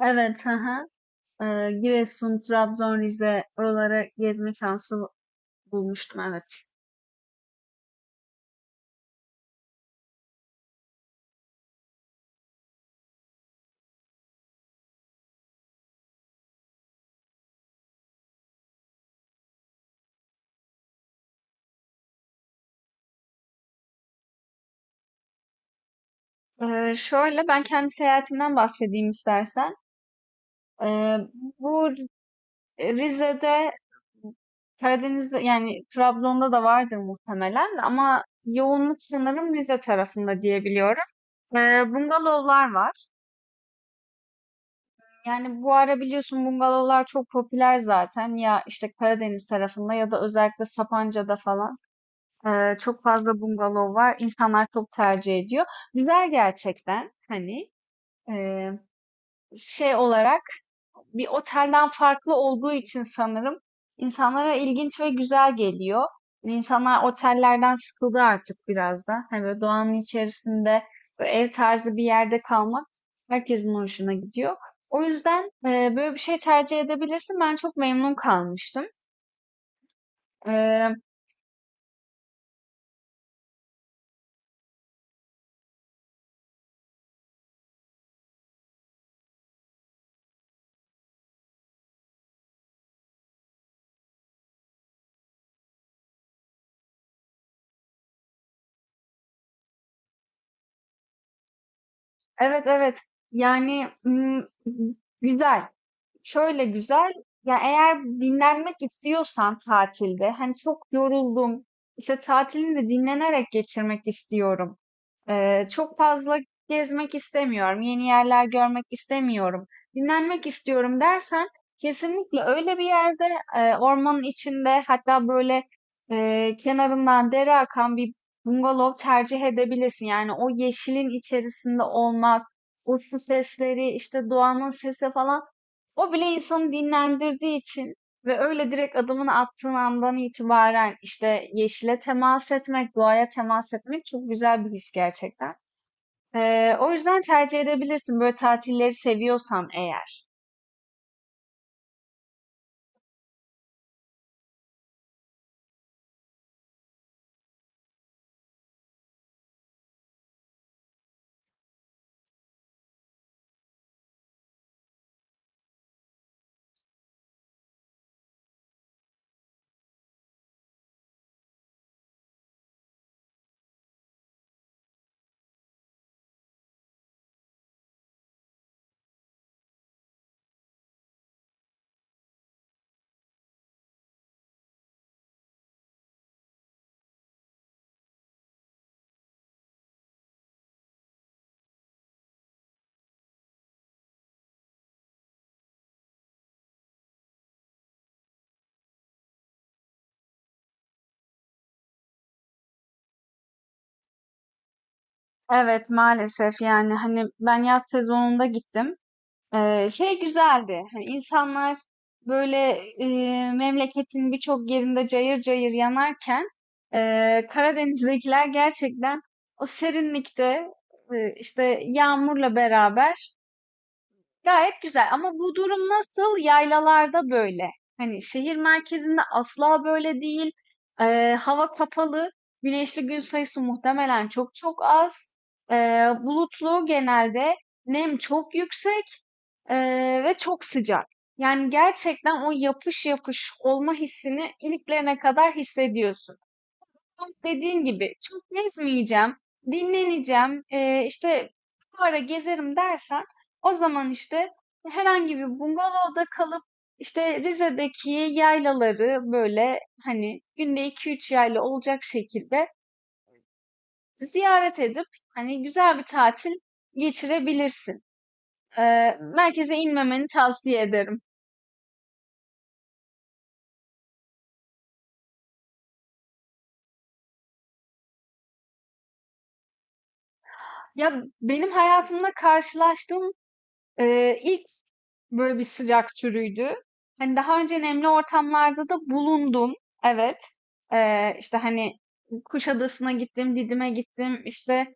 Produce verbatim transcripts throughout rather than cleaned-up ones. Evet, hı hı. Ee, Giresun, Trabzon, Rize oraları gezme şansı bulmuştum evet. Ee, şöyle ben kendi seyahatimden bahsedeyim istersen. Ee, Bu Rize'de Karadeniz'de yani Trabzon'da da vardır muhtemelen ama yoğunluk sanırım Rize tarafında diyebiliyorum. Ee, Bungalovlar var. Yani bu ara biliyorsun bungalovlar çok popüler zaten ya işte Karadeniz tarafında ya da özellikle Sapanca'da falan. Eee, çok fazla bungalov var. İnsanlar çok tercih ediyor. Güzel gerçekten. Hani eee, şey olarak bir otelden farklı olduğu için sanırım insanlara ilginç ve güzel geliyor. İnsanlar otellerden sıkıldı artık biraz da. Hani böyle doğanın içerisinde böyle ev tarzı bir yerde kalmak herkesin hoşuna gidiyor. O yüzden eee, böyle bir şey tercih edebilirsin. Ben çok memnun kalmıştım. Eee, evet evet. Yani mm, Güzel. Şöyle güzel, ya eğer dinlenmek istiyorsan tatilde, hani çok yoruldum, işte tatilini de dinlenerek geçirmek istiyorum. Eee, çok fazla gezmek istemiyorum, yeni yerler görmek istemiyorum, dinlenmek istiyorum dersen kesinlikle öyle bir yerde eee, ormanın içinde hatta böyle eee, kenarından dere akan bir bungalov tercih edebilirsin. Yani o yeşilin içerisinde olmak, o su sesleri, işte doğanın sesi falan o bile insanı dinlendirdiği için ve öyle direkt adımını attığın andan itibaren işte yeşile temas etmek, doğaya temas etmek çok güzel bir his gerçekten. Ee, o yüzden tercih edebilirsin böyle tatilleri seviyorsan eğer. Evet maalesef yani hani ben yaz sezonunda gittim. Ee, şey güzeldi hani insanlar böyle e, memleketin birçok yerinde cayır cayır yanarken e, Karadeniz'dekiler gerçekten o serinlikte e, işte yağmurla beraber gayet güzel ama bu durum nasıl? Yaylalarda böyle. Hani şehir merkezinde asla böyle değil. Ee, hava kapalı. Güneşli gün sayısı muhtemelen çok çok az. Ee, Bulutlu genelde. Nem çok yüksek ee, ve çok sıcak. Yani gerçekten o yapış yapış olma hissini iliklerine kadar hissediyorsun. Tam dediğin gibi çok gezmeyeceğim, dinleneceğim, eee, işte bu ara gezerim dersen o zaman işte herhangi bir bungalovda kalıp işte Rize'deki yaylaları böyle hani günde iki üç yayla olacak şekilde ziyaret edip hani güzel bir tatil geçirebilirsin. Eee, merkeze inmemeni tavsiye ederim. Ya benim hayatımda karşılaştığım eee, ilk böyle bir sıcak türüydü. Hani daha önce nemli ortamlarda da bulundum. Evet. Ee, işte hani Kuşadası'na gittim, Didim'e gittim, işte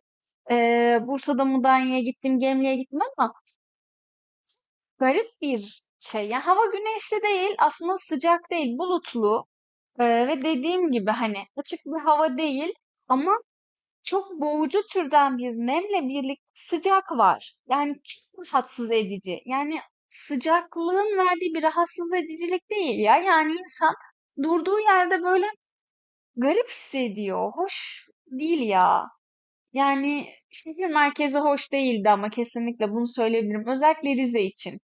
ee, Bursa'da Mudanya'ya gittim, Gemli'ye gittim ama garip bir şey. Yani hava güneşli değil, aslında sıcak değil, bulutlu. Ee, ve dediğim gibi hani açık bir hava değil ama çok boğucu türden bir nemle birlikte sıcak var. Yani çok rahatsız edici. Yani sıcaklığın verdiği bir rahatsız edicilik değil ya. Yani insan durduğu yerde böyle garip hissediyor. Hoş değil ya. Yani şehir merkezi hoş değildi ama kesinlikle bunu söyleyebilirim. Özellikle Rize için.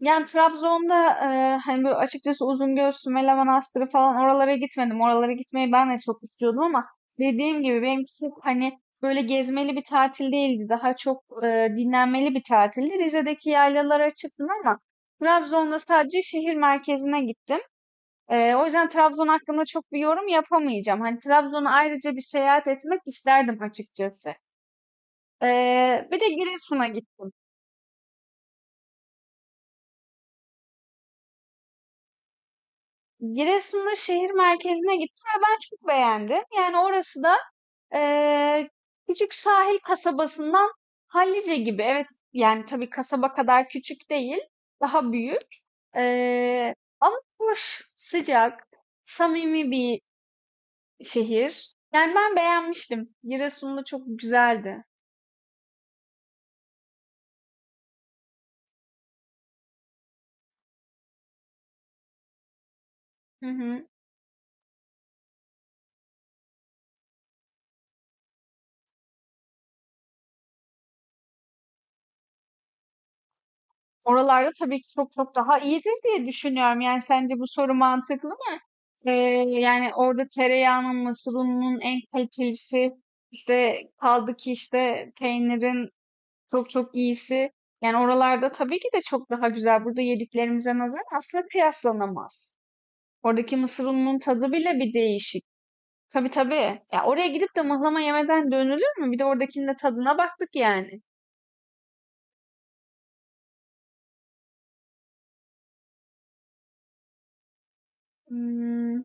Yani Trabzon'da, eee, hani, böyle, açıkçası Uzungöl, Sümele Manastırı falan oralara gitmedim. Oralara gitmeyi ben de çok istiyordum ama dediğim gibi benimki çok, hani, böyle, gezmeli bir tatil değildi. Daha çok, eee, dinlenmeli bir tatildi. Rize'deki yaylalara çıktım ama Trabzon'da sadece şehir merkezine gittim. Eee, o yüzden Trabzon hakkında çok bir yorum yapamayacağım. Hani, Trabzon'a ayrıca bir seyahat etmek isterdim açıkçası. Eee, bir de Giresun'a gittim. Giresun'un şehir merkezine gittim ve ben çok beğendim. Yani orası da eee, küçük sahil kasabasından hallice gibi. Evet yani tabii kasaba kadar küçük değil, daha büyük. Eee, ama hoş, sıcak, samimi bir şehir. Yani ben beğenmiştim. Giresun'da çok güzeldi. Hı hı. Oralarda tabii ki çok çok daha iyidir diye düşünüyorum. Yani sence bu soru mantıklı? Eee, Yani orada tereyağının, mısır ununun en kalitelisi, işte kaldı ki işte peynirin çok çok iyisi. Yani oralarda tabii ki de çok daha güzel. Burada yediklerimize nazaran aslında kıyaslanamaz. Oradaki mısır ununun tadı bile bir değişik. Tabii tabii. Ya oraya gidip de mıhlama yemeden dönülür mü? Bir de oradakinin de tadına baktık yani. Hmm,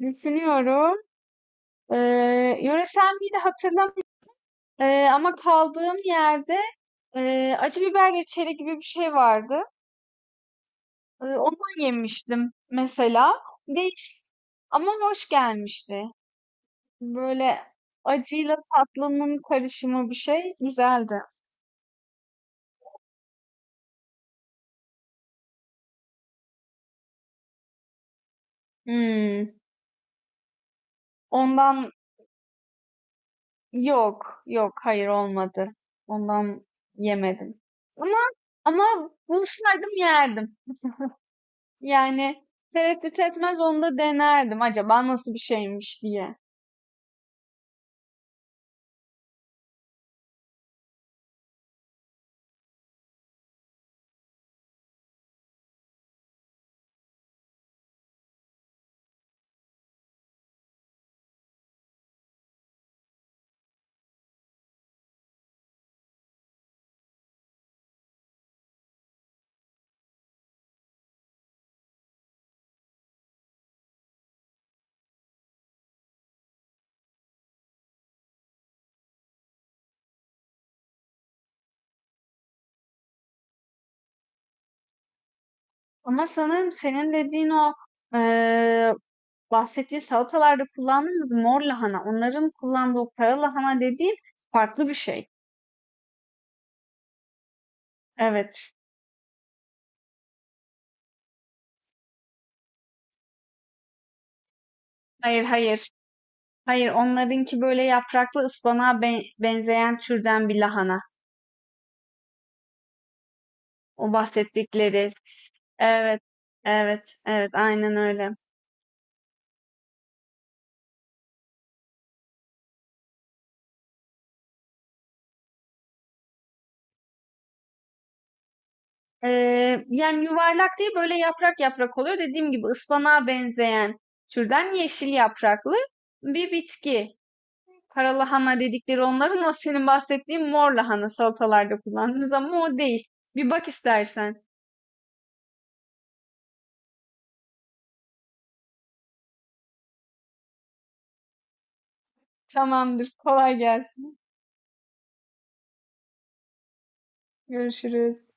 düşünüyorum. Eee yöresel miydi hatırlamıyorum. Eee, ama kaldığım yerde eee, acı biber reçeli gibi bir şey vardı. Eee, ondan yemiştim mesela. Değiş, ama hoş gelmişti. Böyle acıyla tatlının karışımı bir şey güzeldi. Hmm, ondan yok, yok, hayır olmadı. Ondan yemedim. Ama ama bulsaydım yerdim. Yani tereddüt etmez onu da denerdim acaba nasıl bir şeymiş diye. Ama sanırım senin dediğin o eee, bahsettiği salatalarda kullandığımız mor lahana, onların kullandığı o kara lahana dediğin farklı bir şey. Evet. Hayır hayır. Hayır onlarınki böyle yapraklı ıspanağa ben- benzeyen türden bir lahana. O bahsettikleri. Evet. Evet. Evet. Aynen öyle. Eee, yani yuvarlak değil böyle yaprak yaprak oluyor. Dediğim gibi ıspanağa benzeyen türden yeşil yapraklı bir bitki. Kara lahana dedikleri onların o senin bahsettiğin mor lahana salatalarda kullandığımız ama o değil. Bir bak istersen. Tamamdır. Kolay gelsin. Görüşürüz.